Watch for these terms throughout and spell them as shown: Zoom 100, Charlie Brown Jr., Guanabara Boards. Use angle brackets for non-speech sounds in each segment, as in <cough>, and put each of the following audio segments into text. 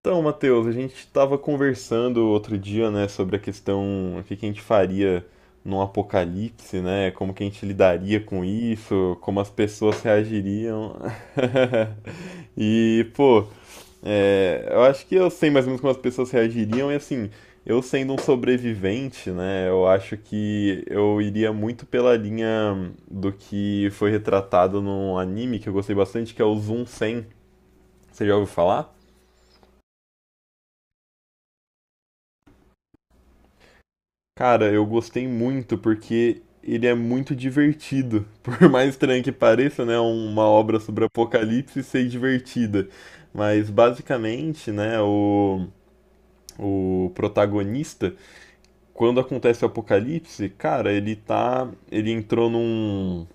Então, Matheus, a gente estava conversando outro dia, né, sobre a questão, o que que a gente faria num apocalipse, né? Como que a gente lidaria com isso, como as pessoas reagiriam. <laughs> E, pô, eu acho que eu sei mais ou menos como as pessoas reagiriam, e assim, eu sendo um sobrevivente, né, eu acho que eu iria muito pela linha do que foi retratado num anime que eu gostei bastante, que é o Zoom 100. Você já ouviu falar? Cara, eu gostei muito porque ele é muito divertido. <laughs> Por mais estranho que pareça, né, uma obra sobre apocalipse ser divertida. Mas basicamente, né, o protagonista, quando acontece o apocalipse, cara, ele entrou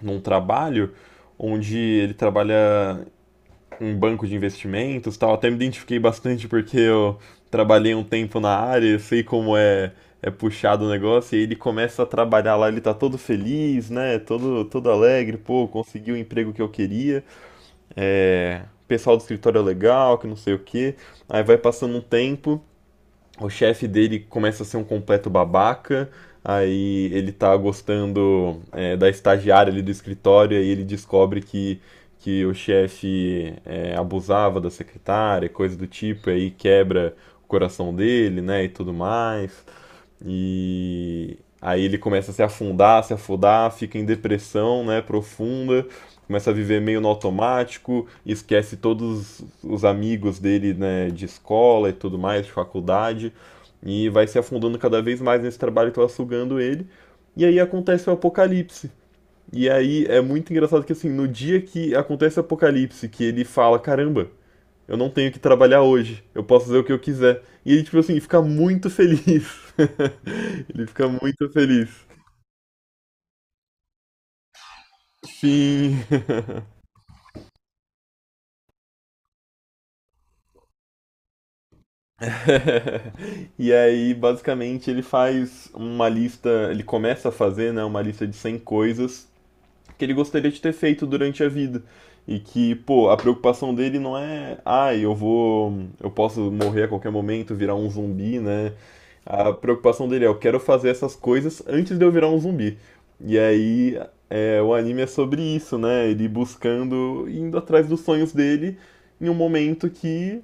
num trabalho onde ele trabalha um banco de investimentos tal. Até me identifiquei bastante porque eu trabalhei um tempo na área, eu sei como é puxado o negócio. E aí ele começa a trabalhar lá, ele tá todo feliz, né? Todo, todo alegre, pô, conseguiu o emprego que eu queria. É, Pessoal do escritório é legal, que não sei o quê. Aí vai passando um tempo o chefe dele começa a ser um completo babaca. Aí ele tá gostando da estagiária ali do escritório, aí ele descobre que o chefe abusava da secretária, coisa do tipo, aí quebra o coração dele, né, e tudo mais. E aí ele começa a se afundar, se afundar, fica em depressão, né, profunda, começa a viver meio no automático, esquece todos os amigos dele, né, de escola e tudo mais, de faculdade, e vai se afundando cada vez mais nesse trabalho que tava sugando ele. E aí acontece o apocalipse. E aí é muito engraçado que assim, no dia que acontece o apocalipse, que ele fala, caramba, eu não tenho que trabalhar hoje, eu posso fazer o que eu quiser. E ele, tipo assim, fica muito feliz. <laughs> Ele fica muito feliz. Sim. <laughs> <laughs> E aí, basicamente, ele começa a fazer, né, uma lista de 100 coisas que ele gostaria de ter feito durante a vida. E que, pô, a preocupação dele não é, ai, ah, eu posso morrer a qualquer momento, virar um zumbi, né? A preocupação dele é, eu quero fazer essas coisas antes de eu virar um zumbi. E aí, o anime é sobre isso, né? Ele buscando, indo atrás dos sonhos dele em um momento que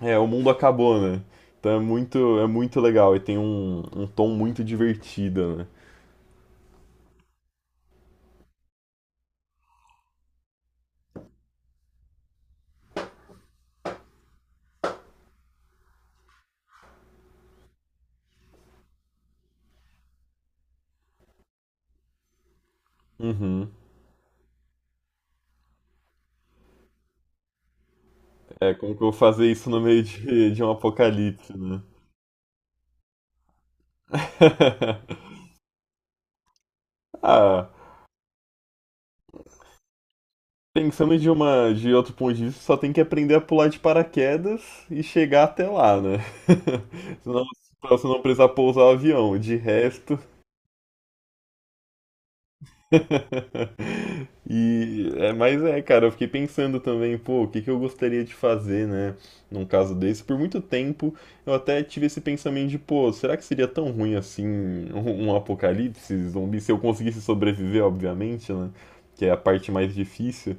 o mundo acabou, né? Então é muito legal e tem um tom muito divertido, né? Uhum. É, como que eu vou fazer isso no meio de um apocalipse, né? <laughs> Ah, pensando de uma, de outro ponto de vista, só tem que aprender a pular de paraquedas e chegar até lá, né? <laughs> Senão, pra você não precisar pousar o avião. De resto, <laughs> E é, mas é, cara, eu fiquei pensando também, pô, o que que eu gostaria de fazer, né, num caso desse. Por muito tempo eu até tive esse pensamento de, pô, será que seria tão ruim assim um apocalipse zumbi se eu conseguisse sobreviver, obviamente, né? Que é a parte mais difícil,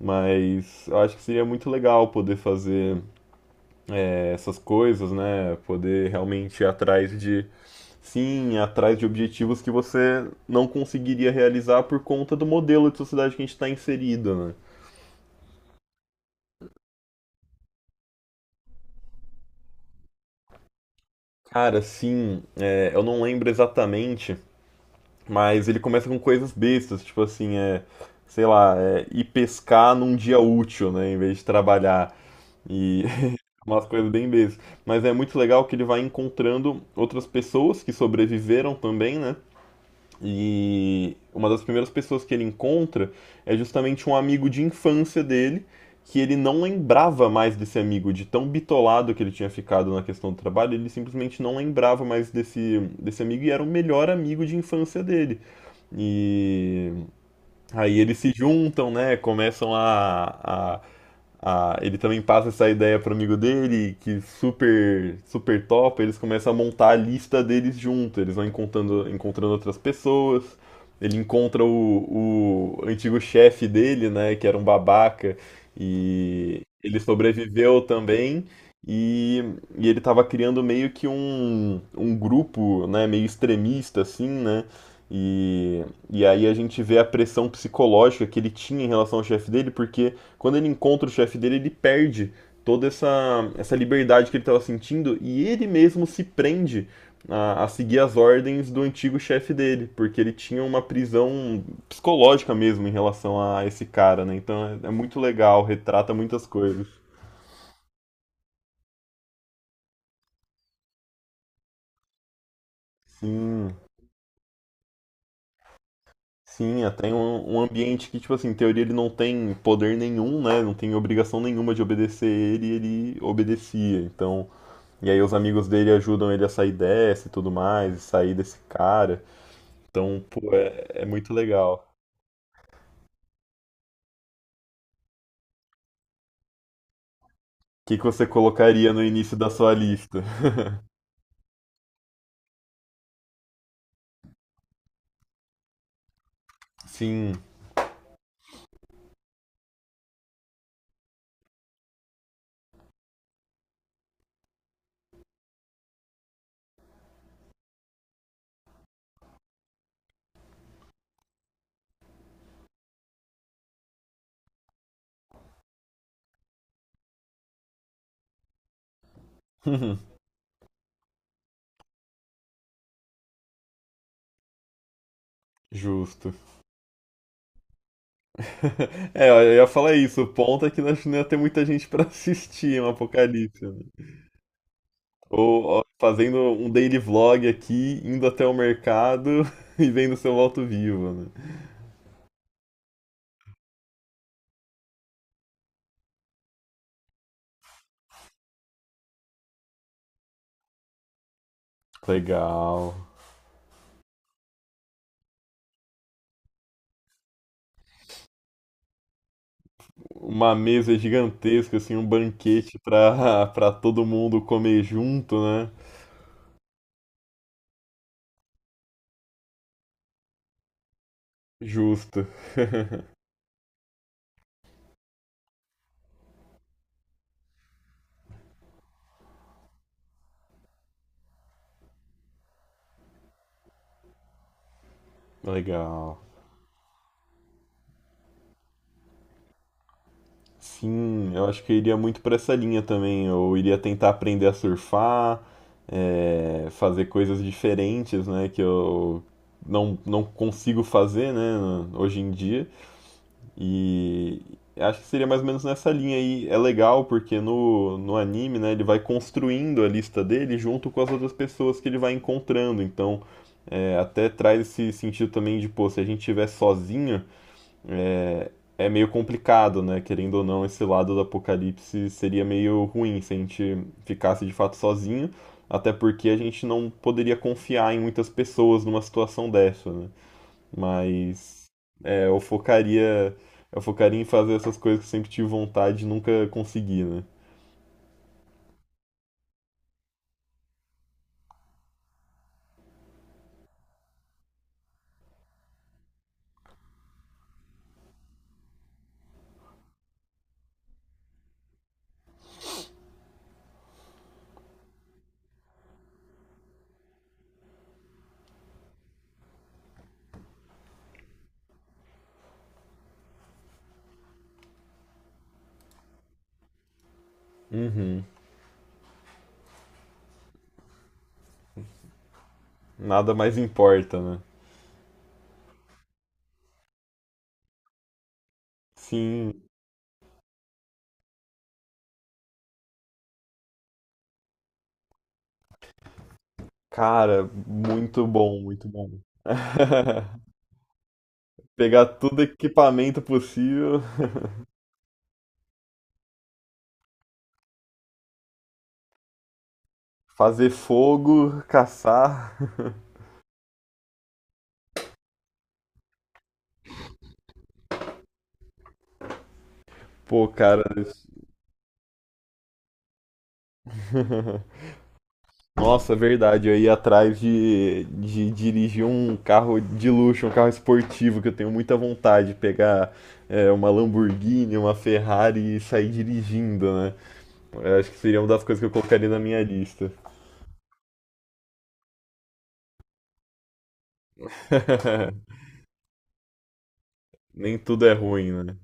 mas eu acho que seria muito legal poder fazer essas coisas, né? Poder realmente ir atrás de... Sim, atrás de objetivos que você não conseguiria realizar por conta do modelo de sociedade que a gente está inserido, né? Cara, sim, eu não lembro exatamente, mas ele começa com coisas bestas, tipo assim, é, sei lá, é, ir pescar num dia útil, né, em vez de trabalhar. E <laughs> umas coisas bem bestas. Mas é muito legal que ele vai encontrando outras pessoas que sobreviveram também, né? E uma das primeiras pessoas que ele encontra é justamente um amigo de infância dele, que ele não lembrava mais desse amigo, de tão bitolado que ele tinha ficado na questão do trabalho, ele simplesmente não lembrava mais desse amigo e era o melhor amigo de infância dele. E... Aí eles se juntam, né? Começam Ele também passa essa ideia pro amigo dele, que super, super top. Eles começam a montar a lista deles junto. Eles vão encontrando outras pessoas. Ele encontra o antigo chefe dele, né? Que era um babaca. E ele sobreviveu também. E, e ele tava criando meio que um grupo, né? Meio extremista, assim, né? E. E aí a gente vê a pressão psicológica que ele tinha em relação ao chefe dele, porque quando ele encontra o chefe dele, ele perde toda essa, essa liberdade que ele estava sentindo e ele mesmo se prende a seguir as ordens do antigo chefe dele, porque ele tinha uma prisão psicológica mesmo em relação a esse cara, né? Então é, é muito legal, retrata muitas coisas. Sim, sim, até um ambiente que, tipo assim, em teoria ele não tem poder nenhum, né? Não tem obrigação nenhuma de obedecer ele, e ele obedecia. Então... E aí os amigos dele ajudam ele a sair dessa e tudo mais, e sair desse cara. Então, pô, é, é muito legal. O que, que você colocaria no início da sua lista? Sim. <laughs> Justo. <laughs> É, eu ia falar isso. O ponto é que nós não ia ter muita gente pra <laughs> assistir um apocalipse, né? Ou ó, fazendo um daily vlog aqui, indo até o mercado <laughs> e vendo seu voto vivo, né? Legal. Uma mesa gigantesca, assim, um banquete pra, <laughs> pra todo mundo comer junto, né? Justo. <laughs> Legal. Sim, eu acho que eu iria muito pra essa linha também. Eu iria tentar aprender a surfar, é, fazer coisas diferentes, né? Que eu não, não consigo fazer, né? Hoje em dia. E acho que seria mais ou menos nessa linha aí. É legal porque no anime, né, ele vai construindo a lista dele junto com as outras pessoas que ele vai encontrando. Então, é, até traz esse sentido também de, pô, se a gente estiver sozinho, é meio complicado, né? Querendo ou não, esse lado do apocalipse seria meio ruim se a gente ficasse de fato sozinho. Até porque a gente não poderia confiar em muitas pessoas numa situação dessa, né? Mas é, eu focaria em fazer essas coisas que eu sempre tive vontade e nunca consegui, né? Nada mais importa, né? Sim, cara, muito bom, muito bom. <laughs> Pegar todo equipamento possível, fazer fogo, caçar. <laughs> Pô, cara, isso... <laughs> Nossa, é verdade. Eu ia atrás de dirigir um carro de luxo, um carro esportivo, que eu tenho muita vontade de pegar uma Lamborghini, uma Ferrari e sair dirigindo, né? Eu acho que seria uma das coisas que eu colocaria na minha lista. <laughs> Nem tudo é ruim, né?